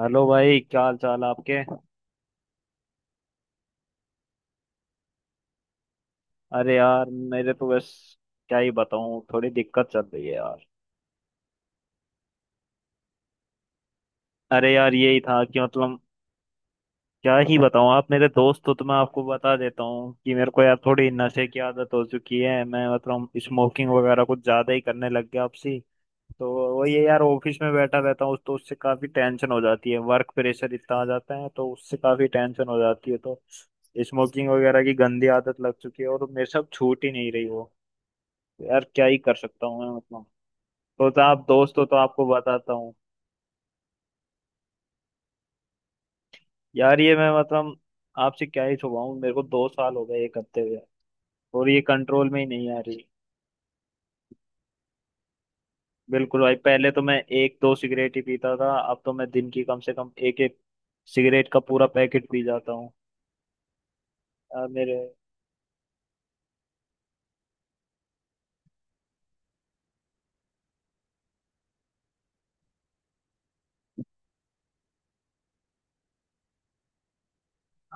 Hello भाई, क्या हाल चाल आपके। अरे यार, मेरे तो बस क्या ही बताऊं, थोड़ी दिक्कत चल रही है यार। अरे यार, यही था कि क्या ही बताऊं, आप मेरे दोस्त हो तो मैं आपको बता देता हूँ कि मेरे को यार थोड़ी नशे की आदत हो चुकी है। मैं मतलब स्मोकिंग वगैरह कुछ ज्यादा ही करने लग गया आपसी। तो वही है यार, ऑफिस में बैठा रहता हूँ तो उससे काफी टेंशन हो जाती है, वर्क प्रेशर इतना आ जाता है तो उससे काफी टेंशन हो जाती है। तो स्मोकिंग वगैरह की गंदी आदत लग चुकी है और मेरे से अब छूट ही नहीं रही वो। यार, क्या ही कर सकता हूँ मैं तो आप दोस्त हो तो आपको बताता हूँ। यार, ये मैं आपसे क्या ही छुपाऊँ, मेरे को 2 साल हो गए ये करते हुए और ये कंट्रोल में ही नहीं आ रही। बिल्कुल भाई, पहले तो मैं 1 2 सिगरेट ही पीता था, अब तो मैं दिन की कम से कम एक एक सिगरेट का पूरा पैकेट पी जाता हूँ। यार मेरे।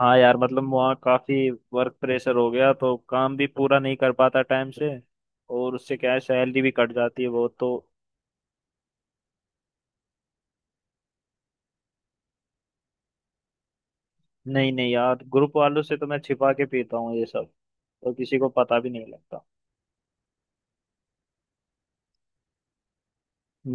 हाँ यार, मतलब वहाँ काफी वर्क प्रेशर हो गया तो काम भी पूरा नहीं कर पाता टाइम से। और उससे क्या है, सैलरी भी कट जाती है बहुत तो। नहीं नहीं यार, ग्रुप वालों से तो मैं छिपा के पीता हूँ ये सब, तो किसी को पता भी नहीं लगता।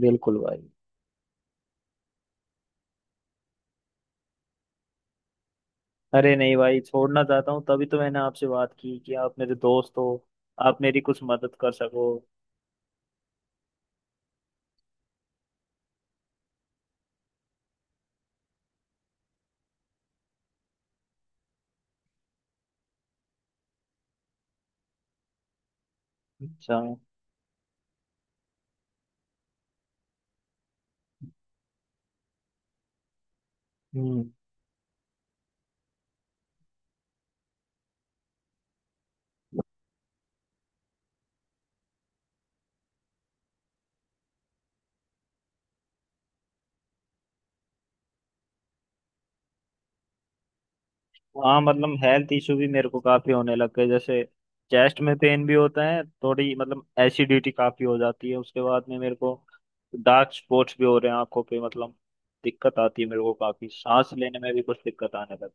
बिल्कुल भाई। अरे नहीं भाई, छोड़ना चाहता हूँ, तभी तो मैंने आपसे बात की कि आप मेरे दोस्त हो, आप मेरी कुछ मदद कर सको। अच्छा। हम्म। हाँ मतलब हेल्थ इशू भी मेरे को काफी होने लग गए। जैसे चेस्ट में पेन भी होता है, थोड़ी मतलब एसिडिटी काफी हो जाती है उसके बाद में मेरे को, डार्क स्पॉट्स भी हो रहे हैं आंखों पे, मतलब दिक्कत आती है मेरे को, काफी सांस लेने में भी कुछ दिक्कत आने लग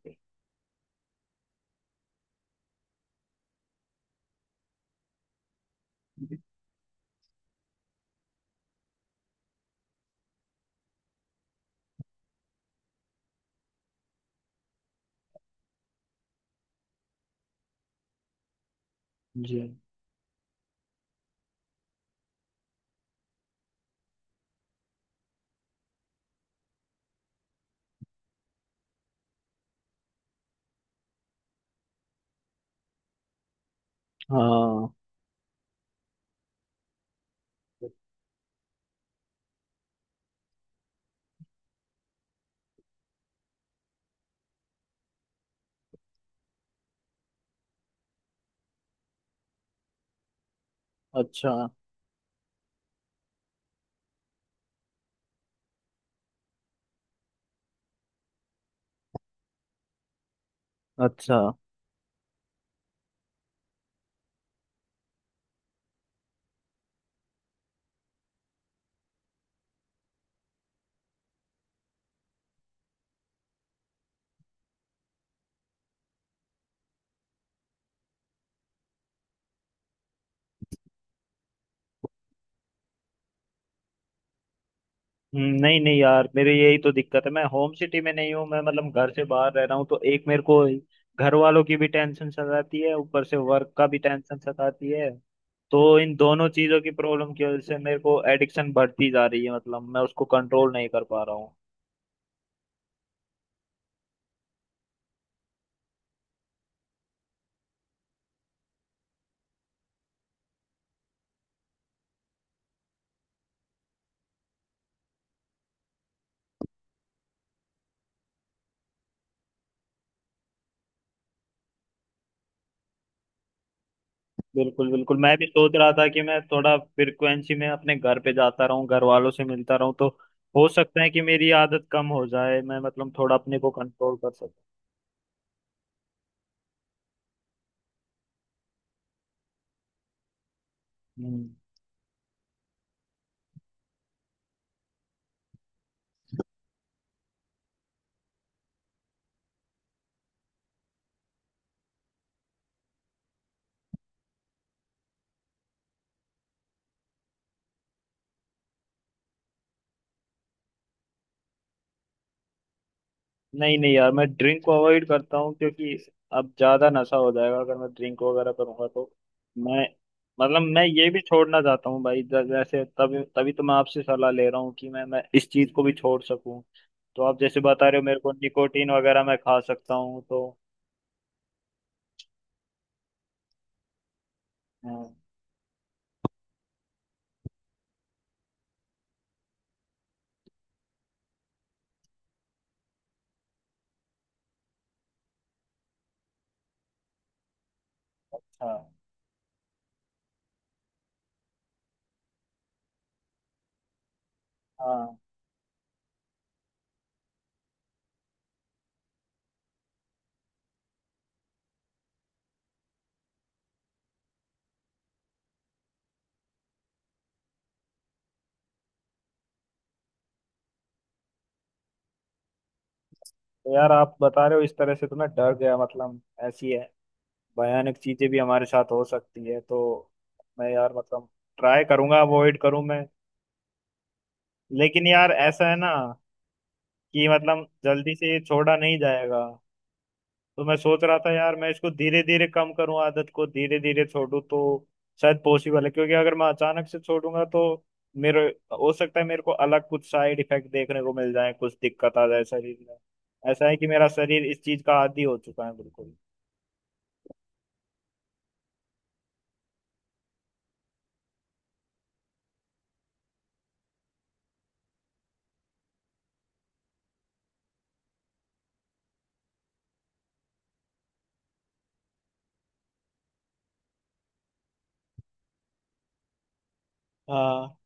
गई। जी। हाँ। अच्छा अच्छा। नहीं नहीं यार, मेरे यही तो दिक्कत है, मैं होम सिटी में नहीं हूँ, मैं मतलब घर से बाहर रह रहा हूँ तो एक मेरे को घर वालों की भी टेंशन सताती है, ऊपर से वर्क का भी टेंशन सताती है। तो इन दोनों चीजों की प्रॉब्लम की वजह से मेरे को एडिक्शन बढ़ती जा रही है, मतलब मैं उसको कंट्रोल नहीं कर पा रहा हूँ। बिल्कुल बिल्कुल, मैं भी सोच रहा था कि मैं थोड़ा फ्रिक्वेंसी में अपने घर पे जाता रहूं, घर वालों से मिलता रहूं तो हो सकता है कि मेरी आदत कम हो जाए, मैं मतलब थोड़ा अपने को कंट्रोल कर सकूं। हम्म। नहीं नहीं यार, मैं ड्रिंक को अवॉइड करता हूँ क्योंकि अब ज्यादा नशा हो जाएगा अगर मैं ड्रिंक वगैरह करूंगा तो। मैं मतलब मैं ये भी छोड़ना चाहता हूँ भाई। जैसे तभी तभी तो मैं आपसे सलाह ले रहा हूँ कि मैं इस चीज को भी छोड़ सकूं। तो आप जैसे बता रहे हो मेरे को, निकोटीन वगैरह मैं खा सकता हूँ तो। हाँ हाँ हाँ। तो यार, आप बता रहे हो इस तरह से तो मैं डर गया, मतलब ऐसी है भयानक चीजें भी हमारे साथ हो सकती है तो। मैं यार मतलब ट्राई करूंगा अवॉइड करूं मैं। लेकिन यार ऐसा है ना कि मतलब जल्दी से ये छोड़ा नहीं जाएगा। तो मैं सोच रहा था यार, मैं इसको धीरे धीरे कम करूं, आदत को धीरे धीरे छोड़ूं तो शायद पॉसिबल है। क्योंकि अगर मैं अचानक से छोड़ूंगा तो मेरे, हो सकता है मेरे को अलग कुछ साइड इफेक्ट देखने को मिल जाए, कुछ दिक्कत आ जाए शरीर में। ऐसा है कि मेरा शरीर इस चीज का आदी हो चुका है बिल्कुल। हाँ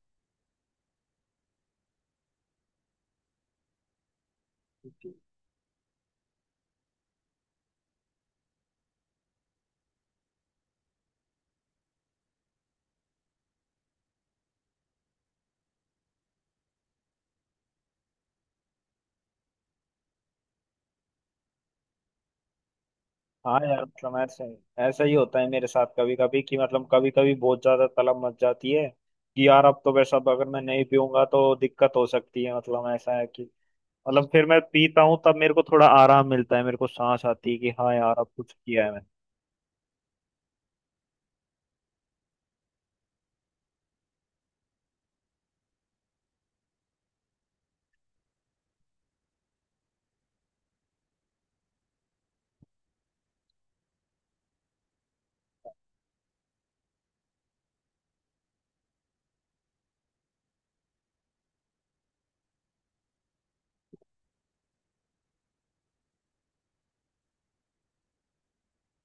हाँ यार, मतलब ऐसे ऐसा ही होता है मेरे साथ कभी कभी, कि मतलब कभी कभी बहुत ज्यादा तलब मच जाती है कि यार अब तो वैसा, अब अगर मैं नहीं पीऊंगा तो दिक्कत हो सकती है, मतलब ऐसा है कि मतलब फिर मैं पीता हूँ तब मेरे को थोड़ा आराम मिलता है, मेरे को सांस आती है कि हाँ यार अब कुछ किया है मैंने।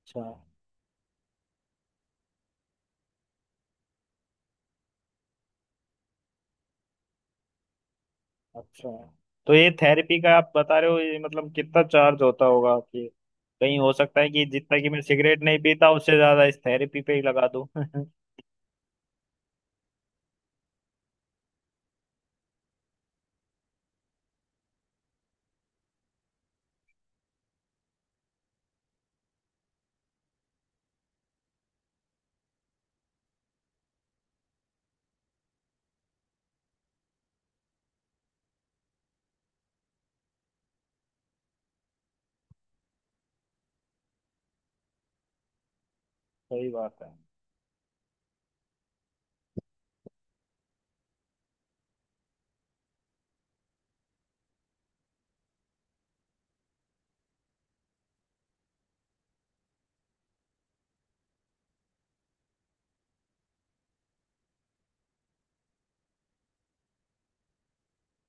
अच्छा अच्छा। तो ये थेरेपी का आप बता रहे हो, ये मतलब कितना चार्ज होता होगा आपके। कहीं हो सकता है कि जितना कि मैं सिगरेट नहीं पीता उससे ज्यादा इस थेरेपी पे ही लगा दूं। सही बात है।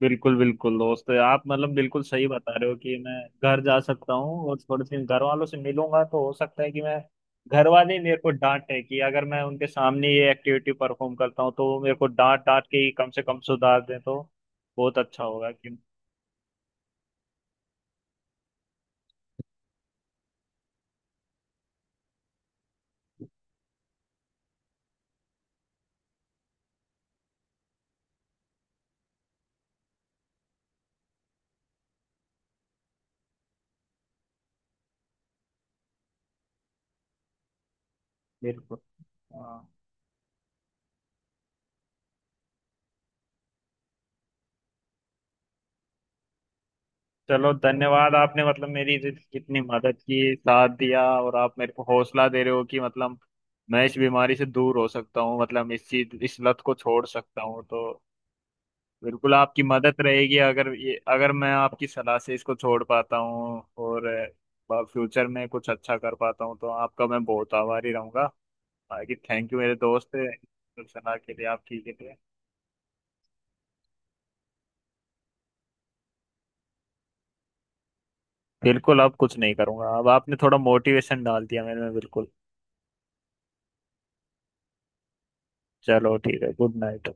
बिल्कुल बिल्कुल दोस्त, आप मतलब बिल्कुल सही बता रहे हो कि मैं घर जा सकता हूँ और थोड़े दिन घर वालों से मिलूंगा तो हो सकता है कि मैं, घर वाले ही मेरे को डांटे, कि अगर मैं उनके सामने ये एक्टिविटी परफॉर्म करता हूँ तो वो मेरे को डांट डांट के ही कम से कम सुधार दें तो बहुत अच्छा होगा कि। बिल्कुल। हाँ। चलो धन्यवाद आपने, मतलब मेरी जितनी मदद की, साथ दिया, और आप मेरे को हौसला दे रहे हो कि मतलब मैं इस बीमारी से दूर हो सकता हूँ, मतलब इस चीज इस लत को छोड़ सकता हूँ तो। बिल्कुल आपकी मदद रहेगी, अगर ये अगर मैं आपकी सलाह से इसको छोड़ पाता हूँ और फ्यूचर में कुछ अच्छा कर पाता हूँ तो आपका मैं बहुत आभारी रहूंगा। बाकी थैंक यू मेरे दोस्त, सलाह के लिए आपकी के लिए। बिल्कुल, अब कुछ नहीं करूंगा, अब आपने थोड़ा मोटिवेशन डाल दिया मेरे में बिल्कुल। चलो ठीक है, गुड नाइट।